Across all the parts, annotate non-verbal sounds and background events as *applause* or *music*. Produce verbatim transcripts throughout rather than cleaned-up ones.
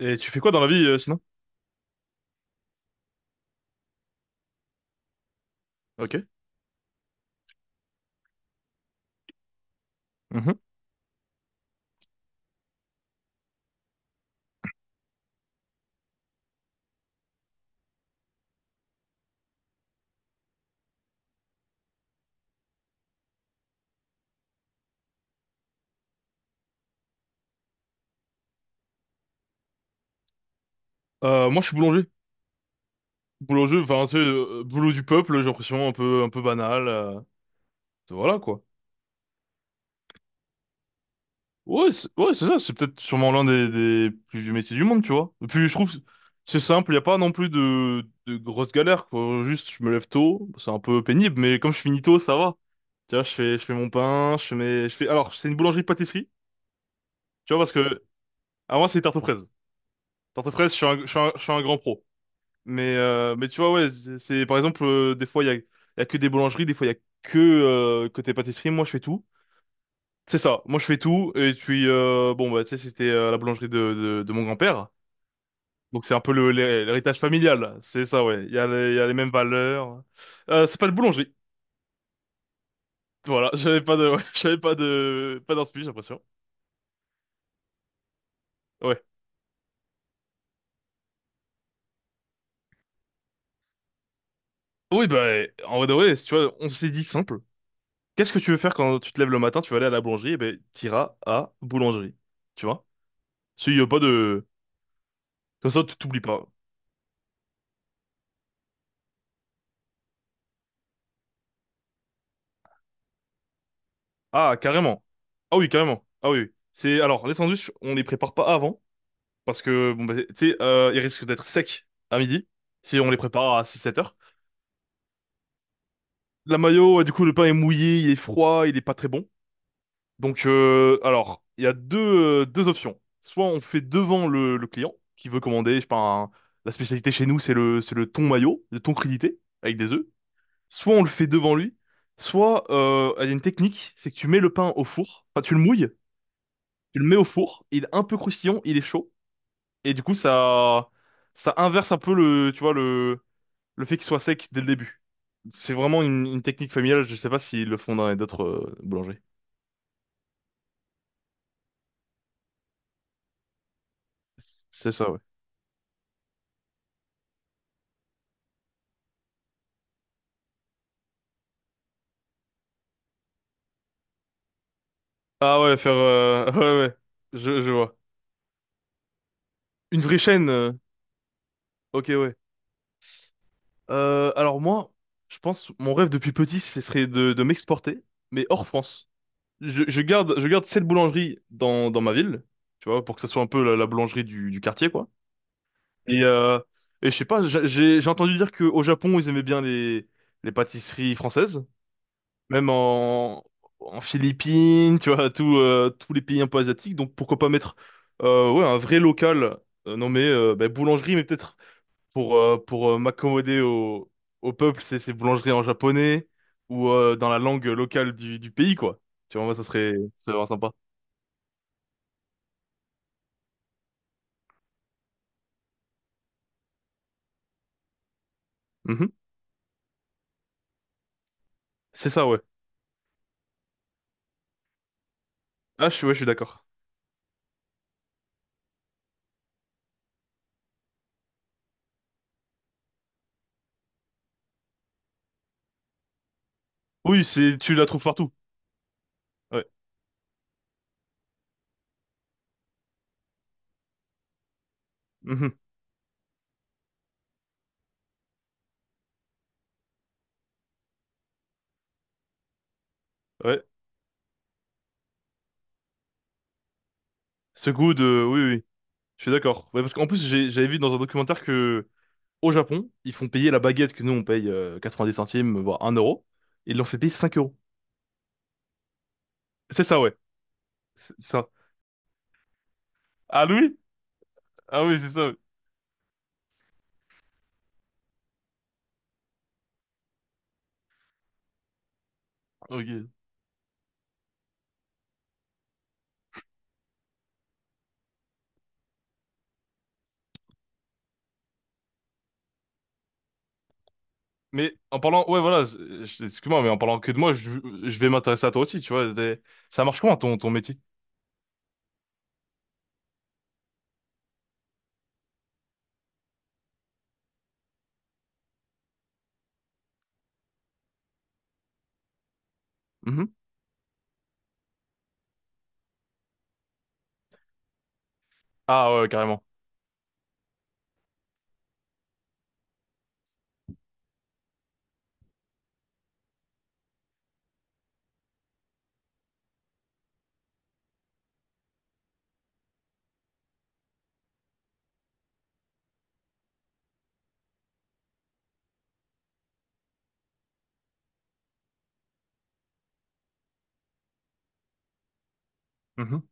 Et tu fais quoi dans la vie, euh, sinon? Ok. Mhm. Euh, moi, je suis boulanger. Boulanger, enfin, c'est euh, boulot du peuple, j'ai l'impression, un peu, un peu banal. Euh, voilà, quoi. Ouais, c'est ouais, c'est ça, c'est peut-être sûrement l'un des, des plus vieux métiers du monde, tu vois. Et puis, je trouve que c'est simple, il n'y a pas non plus de, de grosses galères, quoi. Juste, je me lève tôt, c'est un peu pénible, mais comme je finis tôt, ça va. Tu vois, je fais, je fais mon pain, je fais mes, je fais, alors, c'est une boulangerie-pâtisserie, tu vois, parce que, à moi, c'est tarte aux fraises. Tarte aux fraises, je suis un, je suis un, je suis un grand pro. Mais, euh, mais tu vois, ouais, c'est c'est- par exemple, euh, des fois, il y a, il y a que des boulangeries, des fois, il y a que euh, côté pâtisserie. Moi, je fais tout. C'est ça, moi, je fais tout. Et puis, euh, bon, bah, tu sais, c'était euh, la boulangerie de, de, de mon grand-père. Donc, c'est un peu le, l'hé- l'héritage familial. C'est ça, ouais. Il y a les, il y a les mêmes valeurs. Euh, c'est pas de boulangerie. Voilà, *laughs* j'avais pas de, *laughs* ouais, j'avais pas de, pas d'inspi, j'ai l'impression. Ouais. Oui, bah, en vrai de vrai, si tu vois, on s'est dit simple. Qu'est-ce que tu veux faire quand tu te lèves le matin, tu vas aller à la boulangerie, et ben, t'iras à boulangerie. Tu vois? S'il y a pas de, Comme ça, tu t'oublies pas. Ah, carrément. Ah oui, carrément. Ah oui. Oui. C'est alors les sandwichs, on les prépare pas avant parce que bon bah, tu sais, euh, ils risquent d'être secs à midi si on les prépare à six sept heures. La mayo, ouais, du coup, le pain est mouillé, il est froid, il est pas très bon. Donc euh, alors, il y a deux euh, deux options. Soit on fait devant le, le client qui veut commander, je sais pas, un- la spécialité chez nous, c'est le c'est le thon mayo, le thon crudité avec des œufs. Soit on le fait devant lui, soit euh, il y a une technique, c'est que tu mets le pain au four, enfin tu le mouilles tu le mets au four, il est un peu croustillant, il est chaud, et du coup ça ça inverse un peu le tu vois le le fait qu'il soit sec dès le début. C'est vraiment une, une technique familiale, je sais pas s'ils le font dans les d'autres euh, boulangeries. C'est ça, ouais. Ah ouais, faire euh, *laughs* ouais ouais, je je vois. Une vraie chaîne. euh, Ok ouais. Euh, alors moi, je pense mon rêve depuis petit, ce serait de de m'exporter, mais hors France. Je, je garde je garde cette boulangerie dans dans ma ville, tu vois, pour que ça soit un peu la, la boulangerie du du quartier quoi. Et, euh, et je sais pas, j'a- j'ai j'ai entendu dire qu'au Japon, ils aimaient bien les, les pâtisseries françaises, même en, en Philippines, tu vois, tout, euh, tous les pays un peu asiatiques. Donc pourquoi pas mettre euh, ouais, un vrai local euh, nommé euh, bah, boulangerie, mais peut-être pour, euh, pour euh, m'accommoder au, au peuple, c'est c'est boulangerie en japonais ou euh, dans la langue locale du, du pays, quoi. Tu vois, moi, ça serait, ça serait vraiment sympa. Mhm. C'est ça, ouais. Ah, je, suis- ouais, je suis d'accord. Oui, c'est, tu la trouves partout. Ouais. Mhm. Ouais. Ce goût de... Oui, oui, oui. Je suis d'accord. Ouais, parce qu'en plus, j'ai- j'avais vu dans un documentaire que au Japon, ils font payer la baguette que nous, on paye euh, quatre-vingt-dix centimes, voire un euro. Ils l'ont fait payer cinq euros. C'est ça, ouais. C'est ça. Ah, Louis? Ah oui, c'est ça. Ouais. Ok. Mais en parlant... Ouais, voilà. je- je- Excuse-moi, mais en parlant que de moi, je, je vais m'intéresser à toi aussi, tu vois. c'est- Ça marche comment, ton, ton métier? Mhm. Ah ouais, carrément. Mhm.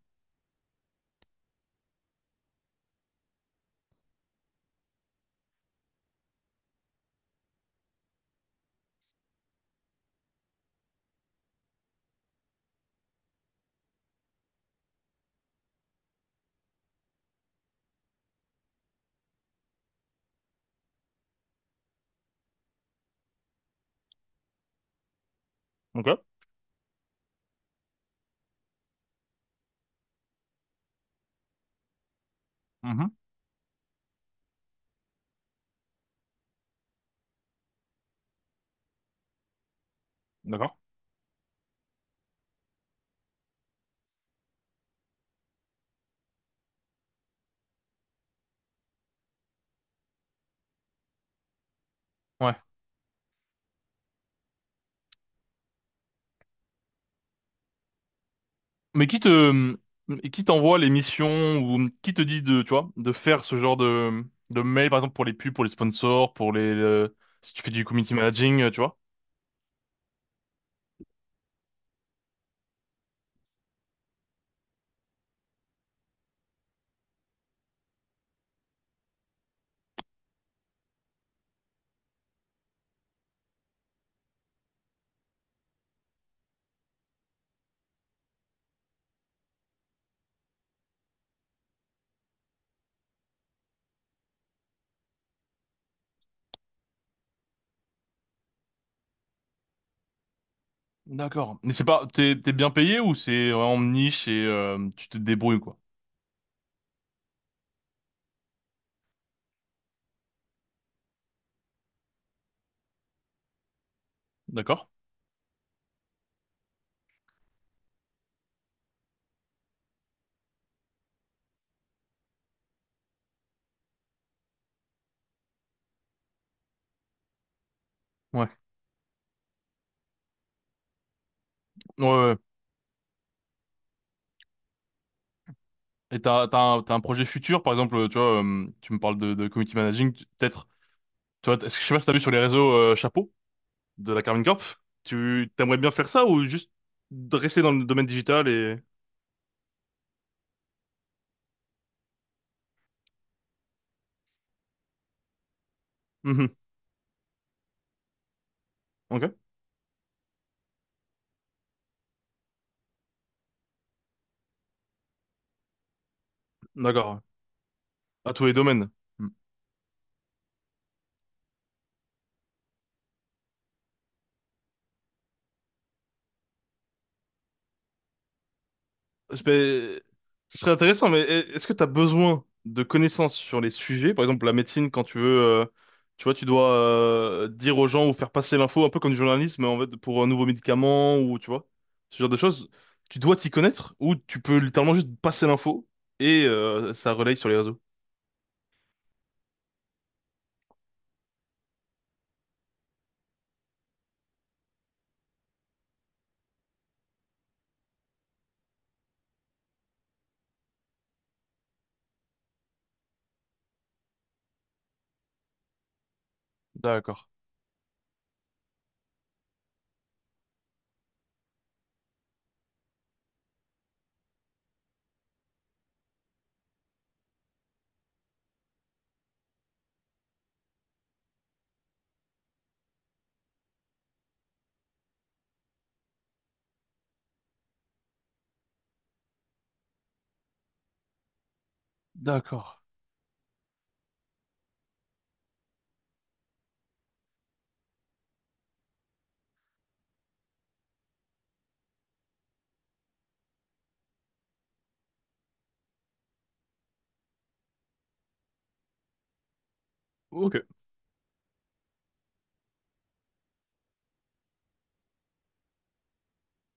Donc là. Mhm. D'accord. Mais qui te, qui t'envoie les missions ou qui te dit de, tu vois, de faire ce genre de, de mail, par exemple, pour les pubs, pour les sponsors, pour les, euh, si tu fais du community managing, euh, tu vois? D'accord. Mais c'est pas, t'es, t'es bien payé ou c'est vraiment niche et euh, tu te débrouilles, quoi? D'accord? Ouais. Ouais, ouais. Et t'as, t'as un, t'as un projet futur, par exemple, tu vois, euh, tu me parles de, de community managing, tu- peut-être, tu vois, est-ce que je sais pas si t'as vu sur les réseaux euh, Chapeau de la Carmine Corp, tu, t'aimerais bien faire ça ou juste rester dans le domaine digital et, *laughs* Mhm. Ok. D'accord. Ouais. À tous les domaines. Hmm. Parce Ce serait intéressant, mais e- est-ce que tu as besoin de connaissances sur les sujets? Par exemple, la médecine, quand tu veux, euh, tu vois, tu dois euh, dire aux gens ou faire passer l'info, un peu comme du journalisme, en fait, pour un nouveau médicament ou, tu vois, ce genre de choses. Tu dois t'y connaître ou tu peux littéralement juste passer l'info et euh, ça relaye sur les réseaux. D'accord. D'accord. Ok.